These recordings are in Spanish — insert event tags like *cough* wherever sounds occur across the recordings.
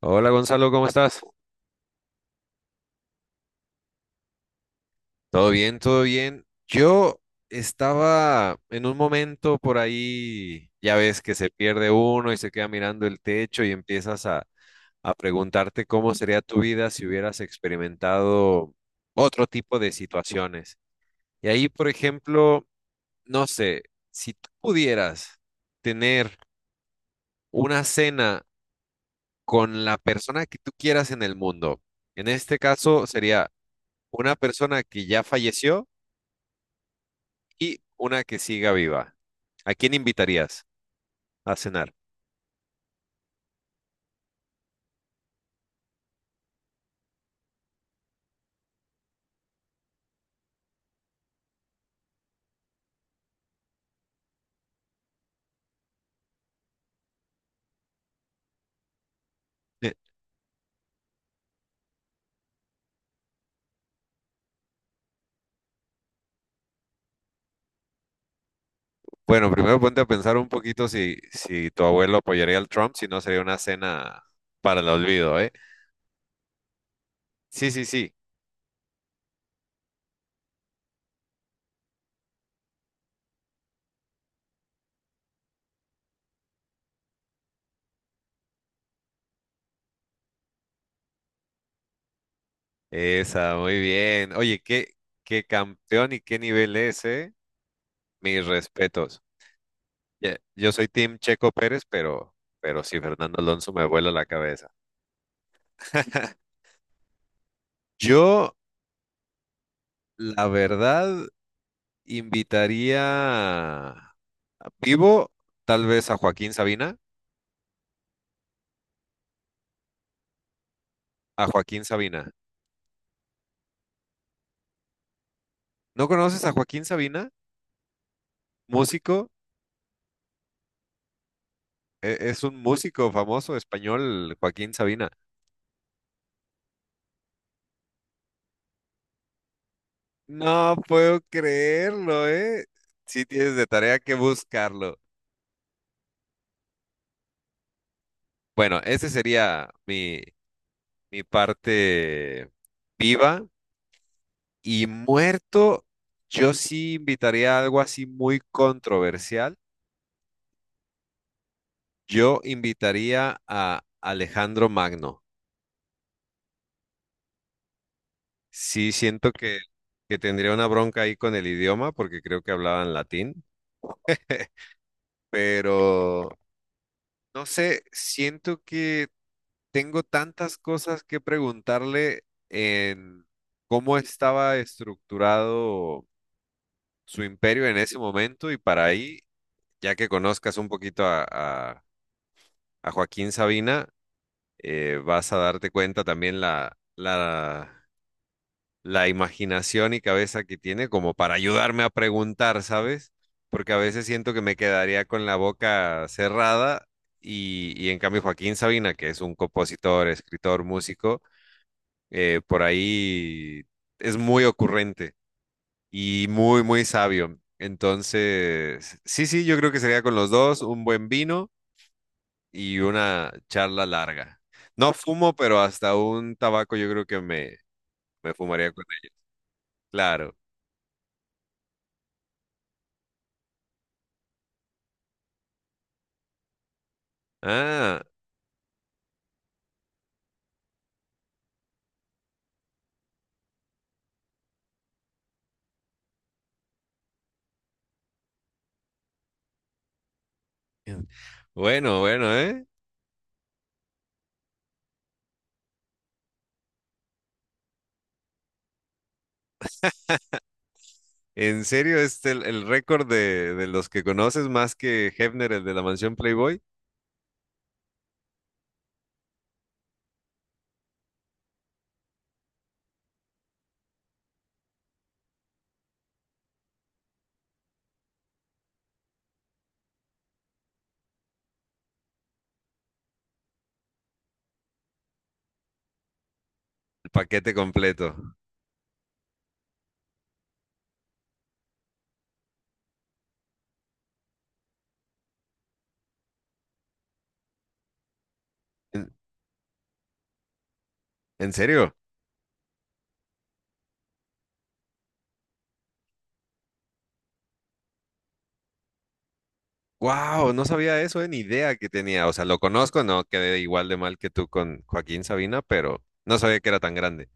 Hola Gonzalo, ¿cómo estás? Todo bien, todo bien. Yo estaba en un momento por ahí, ya ves que se pierde uno y se queda mirando el techo y empiezas a preguntarte cómo sería tu vida si hubieras experimentado otro tipo de situaciones. Y ahí, por ejemplo, no sé, si tú pudieras tener una cena con la persona que tú quieras en el mundo, en este caso sería una persona que ya falleció y una que siga viva. ¿A quién invitarías a cenar? Eh, Bueno, primero ponte a pensar un poquito si tu abuelo apoyaría al Trump, si no sería una cena para el olvido, ¿eh? Sí, sí, sí. Esa, muy bien. Oye, qué campeón y qué nivel es, ¿eh? Mis respetos. Ya, yo soy Team Checo Pérez, pero sí, Fernando Alonso me vuela la cabeza. *laughs* Yo, la verdad. Invitaría a- vivo, tal vez a Joaquín Sabina. A Joaquín Sabina. ¿No conoces a Joaquín Sabina? Músico. Es un músico famoso español, Joaquín Sabina. No puedo creerlo, ¿eh? Sí tienes de tarea que buscarlo. Bueno, ese sería mi parte viva. Y muerto, yo sí invitaría a algo así muy controversial. Yo invitaría a Alejandro Magno. Sí, siento que tendría una bronca ahí con el idioma, porque creo que hablaban latín, *laughs* pero no sé, siento que tengo tantas cosas que preguntarle en cómo estaba estructurado su imperio en ese momento y para ahí, ya que conozcas un poquito a Joaquín Sabina, vas a darte cuenta también la imaginación y cabeza que tiene como para ayudarme a preguntar, ¿sabes? Porque a veces siento que me quedaría con la boca cerrada y en cambio Joaquín Sabina, que es un compositor, escritor, músico, por ahí es muy ocurrente y muy sabio. Entonces, sí, sí, yo creo que sería con los dos un buen vino y una charla larga. No fumo, pero hasta un tabaco yo creo que me fumaría con él. Claro. Ah, *laughs* bueno, bueno, ¿eh? En serio, este el récord de los que conoces más que Hefner, el de la mansión Playboy, el paquete completo. ¿En, en serio? Wow, no sabía eso, ni idea que tenía. O sea, lo conozco, no quedé igual de mal que tú con Joaquín Sabina, pero no sabía que era tan grande.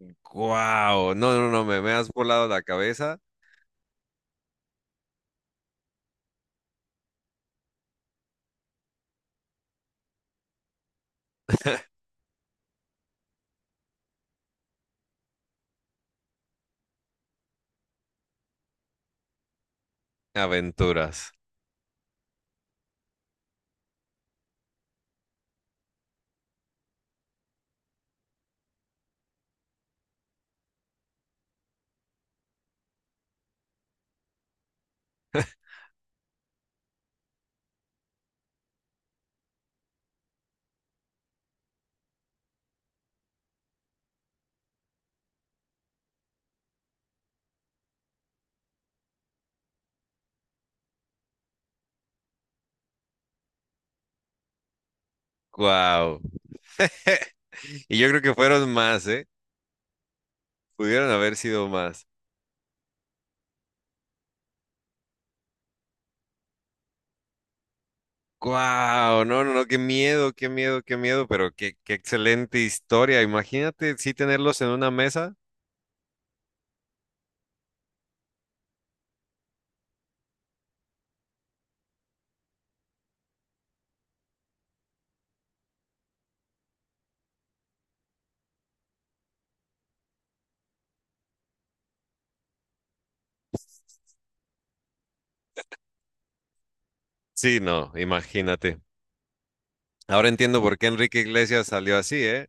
Wow, no, no, no, me has volado la cabeza. Aventuras. Wow. *laughs* Y yo creo que fueron más, ¿eh? Pudieron haber sido más. Wow, no, no, no, qué miedo, qué miedo, qué miedo, pero qué excelente historia. Imagínate, sí tenerlos en una mesa. Sí, no, imagínate. Ahora entiendo por qué Enrique Iglesias salió así, ¿eh?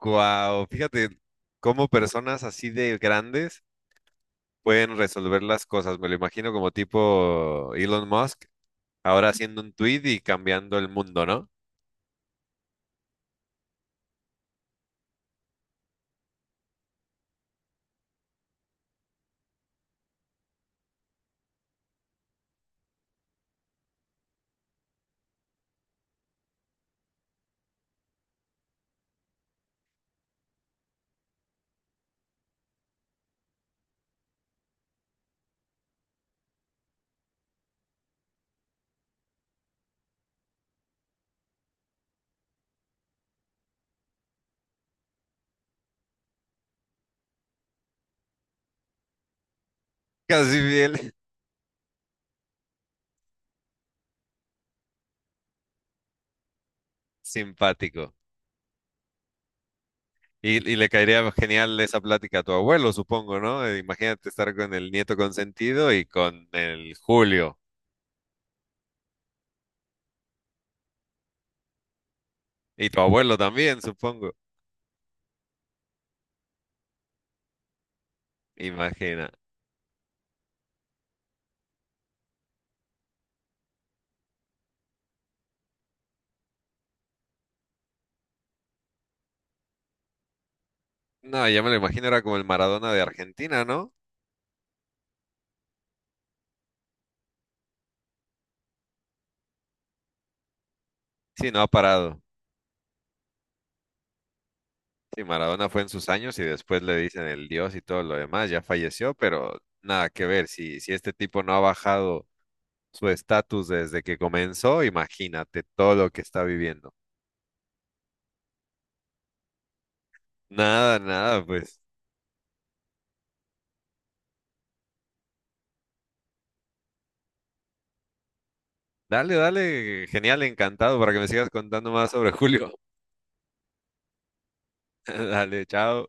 Wow, fíjate cómo personas así de grandes pueden resolver las cosas. Me lo imagino como tipo Elon Musk, ahora haciendo un tweet y cambiando el mundo, ¿no? Casi bien. *laughs* Simpático. Y le caería genial esa plática a tu abuelo, supongo, ¿no? Imagínate estar con el nieto consentido y con el Julio. Y tu abuelo también, supongo. Imagina. No, ya me lo imagino, era como el Maradona de Argentina, ¿no? Sí, no ha parado. Sí, Maradona fue en sus años y después le dicen el Dios y todo lo demás, ya falleció, pero nada que ver. Si, si este tipo no ha bajado su estatus desde que comenzó, imagínate todo lo que está viviendo. Nada, nada, pues. Dale, dale, genial, encantado para que me sigas contando más sobre Julio. *laughs* Dale, chao.